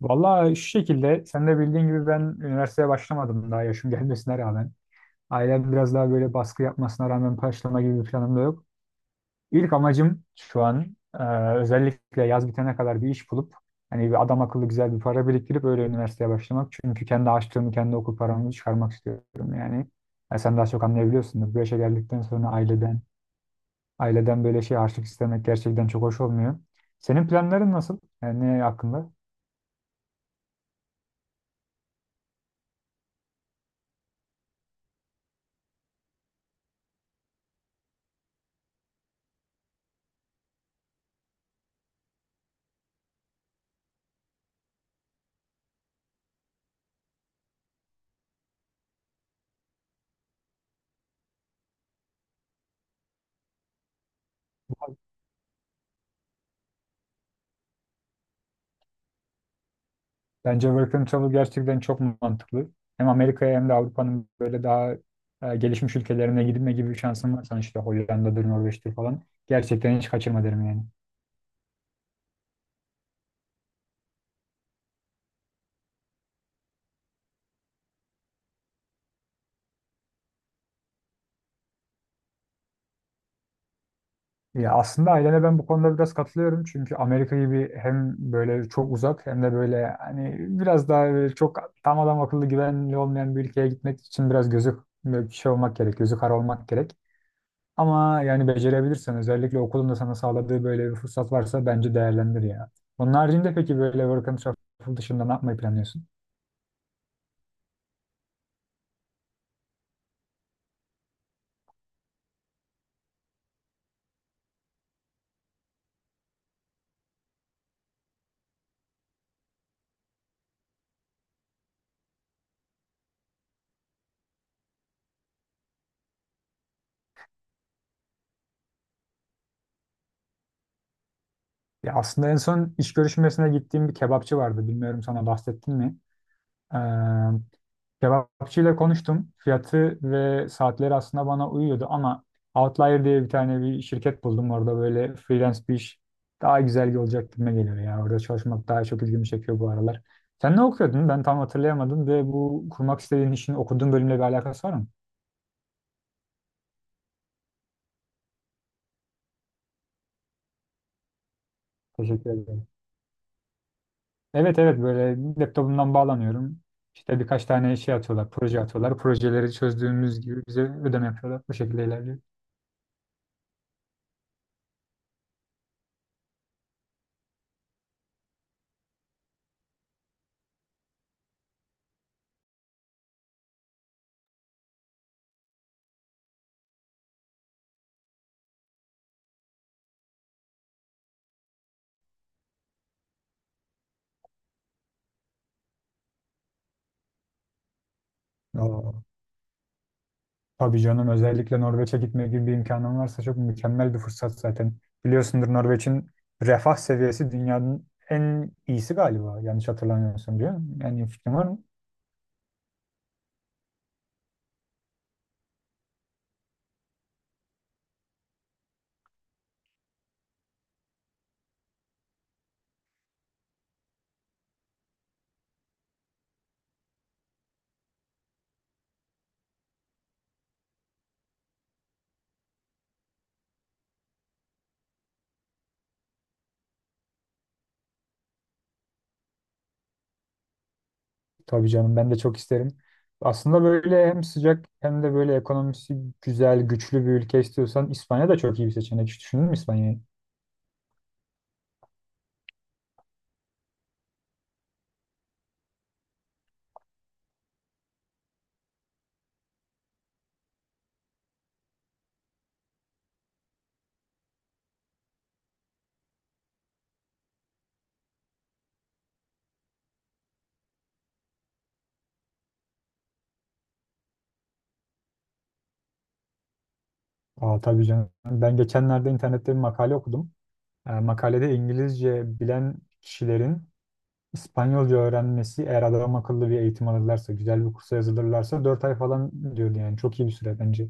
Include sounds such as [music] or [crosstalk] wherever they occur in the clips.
Vallahi şu şekilde sen de bildiğin gibi ben üniversiteye başlamadım daha yaşım gelmesine rağmen. Ailem biraz daha böyle baskı yapmasına rağmen başlama gibi bir planım da yok. İlk amacım şu an özellikle yaz bitene kadar bir iş bulup hani bir adam akıllı güzel bir para biriktirip öyle üniversiteye başlamak. Çünkü kendi açtığımı kendi okul paramı çıkarmak istiyorum yani. Ya sen daha çok anlayabiliyorsundur. Bu yaşa geldikten sonra aileden böyle şey harçlık istemek gerçekten çok hoş olmuyor. Senin planların nasıl? Yani ne hakkında? Bence work and travel gerçekten çok mantıklı. Hem Amerika'ya hem de Avrupa'nın böyle daha gelişmiş ülkelerine gidilme gibi bir şansın varsa hani işte Hollanda'dır, Norveç'tir falan. Gerçekten hiç kaçırma derim yani. Ya aslında ailene ben bu konuda biraz katılıyorum. Çünkü Amerika gibi hem böyle çok uzak hem de böyle hani biraz daha böyle çok tam adam akıllı güvenli olmayan bir ülkeye gitmek için biraz gözü böyle şey olmak gerek, gözü kara olmak gerek. Ama yani becerebilirsen özellikle okulun da sana sağladığı böyle bir fırsat varsa bence değerlendir ya. Onun haricinde peki böyle work and travel dışında ne yapmayı planlıyorsun? Ya aslında en son iş görüşmesine gittiğim bir kebapçı vardı. Bilmiyorum sana bahsettim mi? Kebapçıyla konuştum. Fiyatı ve saatleri aslında bana uyuyordu ama Outlier diye bir tane bir şirket buldum. Orada böyle freelance bir iş daha güzel olacak gibime geliyor ya. Orada çalışmak daha çok ilgimi çekiyor bu aralar. Sen ne okuyordun? Ben tam hatırlayamadım ve bu kurmak istediğin işin okuduğun bölümle bir alakası var mı? Teşekkür ederim. Evet, evet, böyle laptopumdan bağlanıyorum. İşte birkaç tane şey atıyorlar, proje atıyorlar. Projeleri çözdüğümüz gibi bize ödeme yapıyorlar. Bu şekilde ilerliyor. Oo. Tabii canım, özellikle Norveç'e gitme gibi bir imkanım varsa çok mükemmel bir fırsat zaten. Biliyorsundur, Norveç'in refah seviyesi dünyanın en iyisi galiba. Yanlış hatırlamıyorsam diyor. Yani iyi fikrim var mı? Tabii canım, ben de çok isterim. Aslında böyle hem sıcak hem de böyle ekonomisi güzel, güçlü bir ülke istiyorsan İspanya da çok iyi bir seçenek. Hiç düşündün mü İspanya'yı? Aa, tabii canım. Ben geçenlerde internette bir makale okudum. Makalede İngilizce bilen kişilerin İspanyolca öğrenmesi eğer adam akıllı bir eğitim alırlarsa, güzel bir kursa yazılırlarsa 4 ay falan diyordu yani. Çok iyi bir süre bence.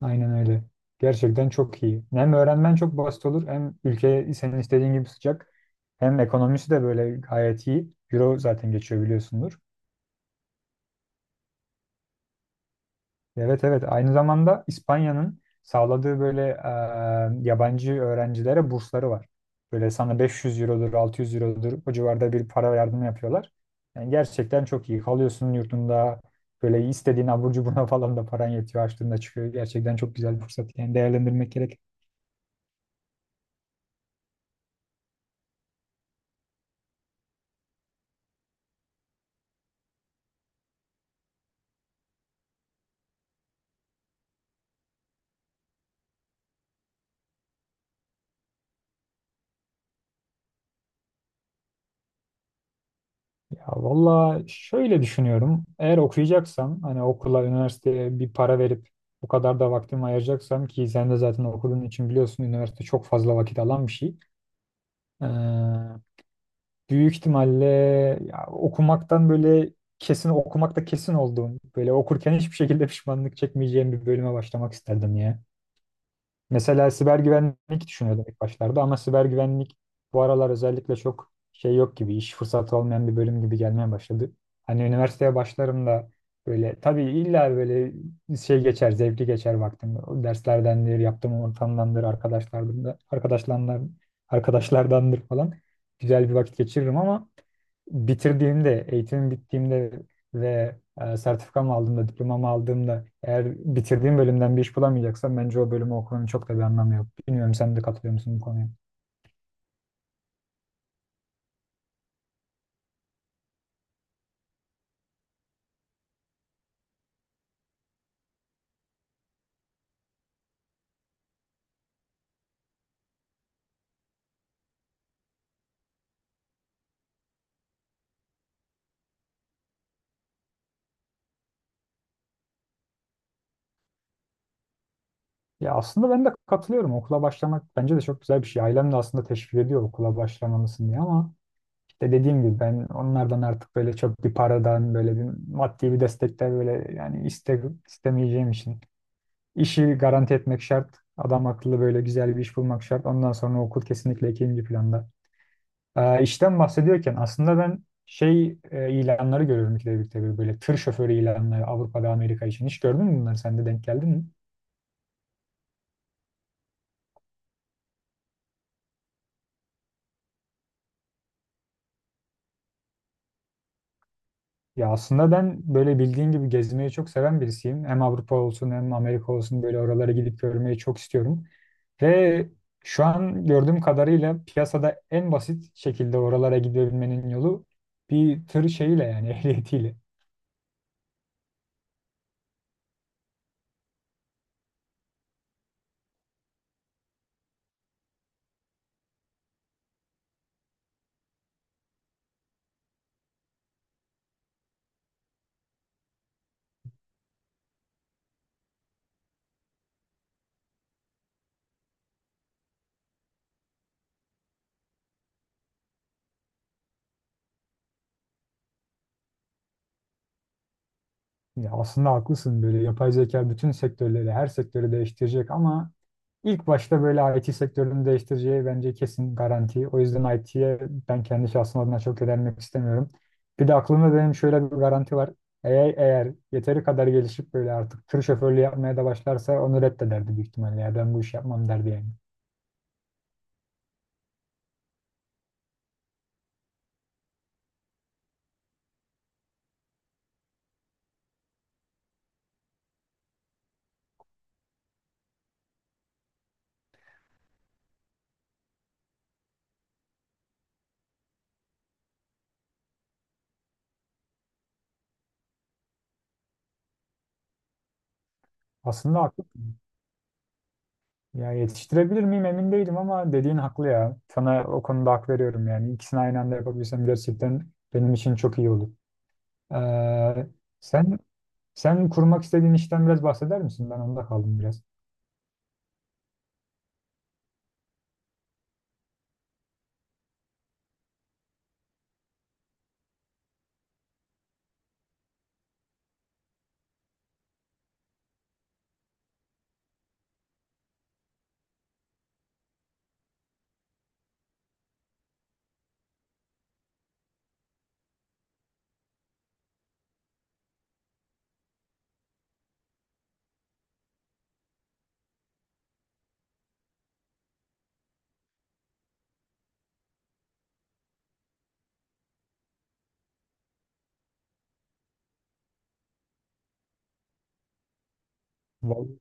Aynen öyle. Gerçekten çok iyi. Hem öğrenmen çok basit olur hem ülke senin istediğin gibi sıcak. Hem ekonomisi de böyle gayet iyi. Euro zaten geçiyor biliyorsundur. Evet, evet, aynı zamanda İspanya'nın sağladığı böyle yabancı öğrencilere bursları var. Böyle sana 500 eurodur, 600 eurodur, o civarda bir para yardımı yapıyorlar. Yani gerçekten çok iyi kalıyorsun yurtunda, böyle istediğin abur cubuna [laughs] falan da paran yetiyor, açtığında çıkıyor. Gerçekten çok güzel bir fırsat yani, değerlendirmek gerek. Ya valla şöyle düşünüyorum, eğer okuyacaksam hani okula üniversiteye bir para verip bu kadar da vaktimi ayıracaksam, ki sen de zaten okuduğun için biliyorsun üniversite çok fazla vakit alan bir şey. Ee, Büyük ihtimalle ya, okumaktan böyle kesin okumakta kesin olduğum, böyle okurken hiçbir şekilde pişmanlık çekmeyeceğim bir bölüme başlamak isterdim ya. Mesela siber güvenlik düşünüyordum ilk başlarda ama siber güvenlik bu aralar özellikle çok şey yok gibi, iş fırsatı olmayan bir bölüm gibi gelmeye başladı. Hani üniversiteye başlarım da böyle tabii illa böyle şey geçer, zevkli geçer vaktim. O derslerdendir, yaptığım ortamdandır, arkadaşlardan da, arkadaşlardandır falan. Güzel bir vakit geçiririm ama bitirdiğimde, eğitimim bittiğimde ve sertifikamı aldığımda, diplomamı aldığımda eğer bitirdiğim bölümden bir iş bulamayacaksam bence o bölümü okumanın çok da bir anlamı yok. Bilmiyorum, sen de katılıyor musun bu konuya? Ya aslında ben de katılıyorum. Okula başlamak bence de çok güzel bir şey. Ailem de aslında teşvik ediyor okula başlamalısın diye ama işte dediğim gibi ben onlardan artık böyle çok bir paradan böyle bir maddi bir destekler böyle yani istemeyeceğim için. İşi garanti etmek şart. Adam akıllı böyle güzel bir iş bulmak şart. Ondan sonra okul kesinlikle ikinci planda. İşten bahsediyorken aslında ben şey ilanları görüyorum ikide birlikte, tabii böyle tır şoförü ilanları Avrupa'da Amerika için. Hiç gördün mü bunları? Sen de denk geldin mi? Ya aslında ben böyle bildiğin gibi gezmeyi çok seven birisiyim. Hem Avrupa olsun hem Amerika olsun böyle oralara gidip görmeyi çok istiyorum. Ve şu an gördüğüm kadarıyla piyasada en basit şekilde oralara gidebilmenin yolu bir tır şeyiyle, yani [laughs] ehliyetiyle. Ya aslında haklısın, böyle yapay zeka bütün sektörleri, her sektörü değiştirecek ama İlk başta böyle IT sektörünü değiştireceği bence kesin garanti. O yüzden IT'ye ben kendi şahsım adına çok yönelmek istemiyorum. Bir de aklımda benim şöyle bir garanti var. Eğer yeteri kadar gelişip böyle artık tır şoförlüğü yapmaya da başlarsa onu reddederdi büyük ihtimalle. Ya ben bu işi yapmam derdi yani. Aslında haklı. Ya yetiştirebilir miyim emin değilim ama dediğin haklı ya. Sana o konuda hak veriyorum yani. İkisini aynı anda yapabilsem gerçekten benim için çok iyi olur. Ee, sen sen kurmak istediğin işten biraz bahseder misin? Ben onda kaldım biraz. Val-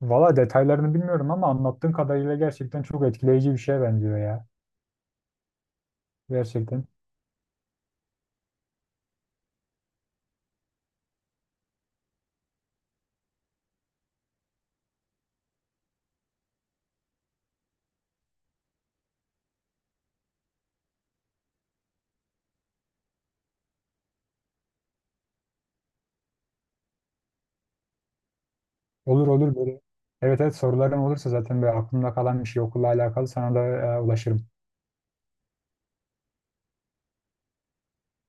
Valla detaylarını bilmiyorum ama anlattığın kadarıyla gerçekten çok etkileyici bir şeye benziyor ya. Gerçekten. Olur olur böyle. Evet, evet, sorularım olursa zaten böyle aklımda kalan bir şey okulla alakalı sana da ulaşırım.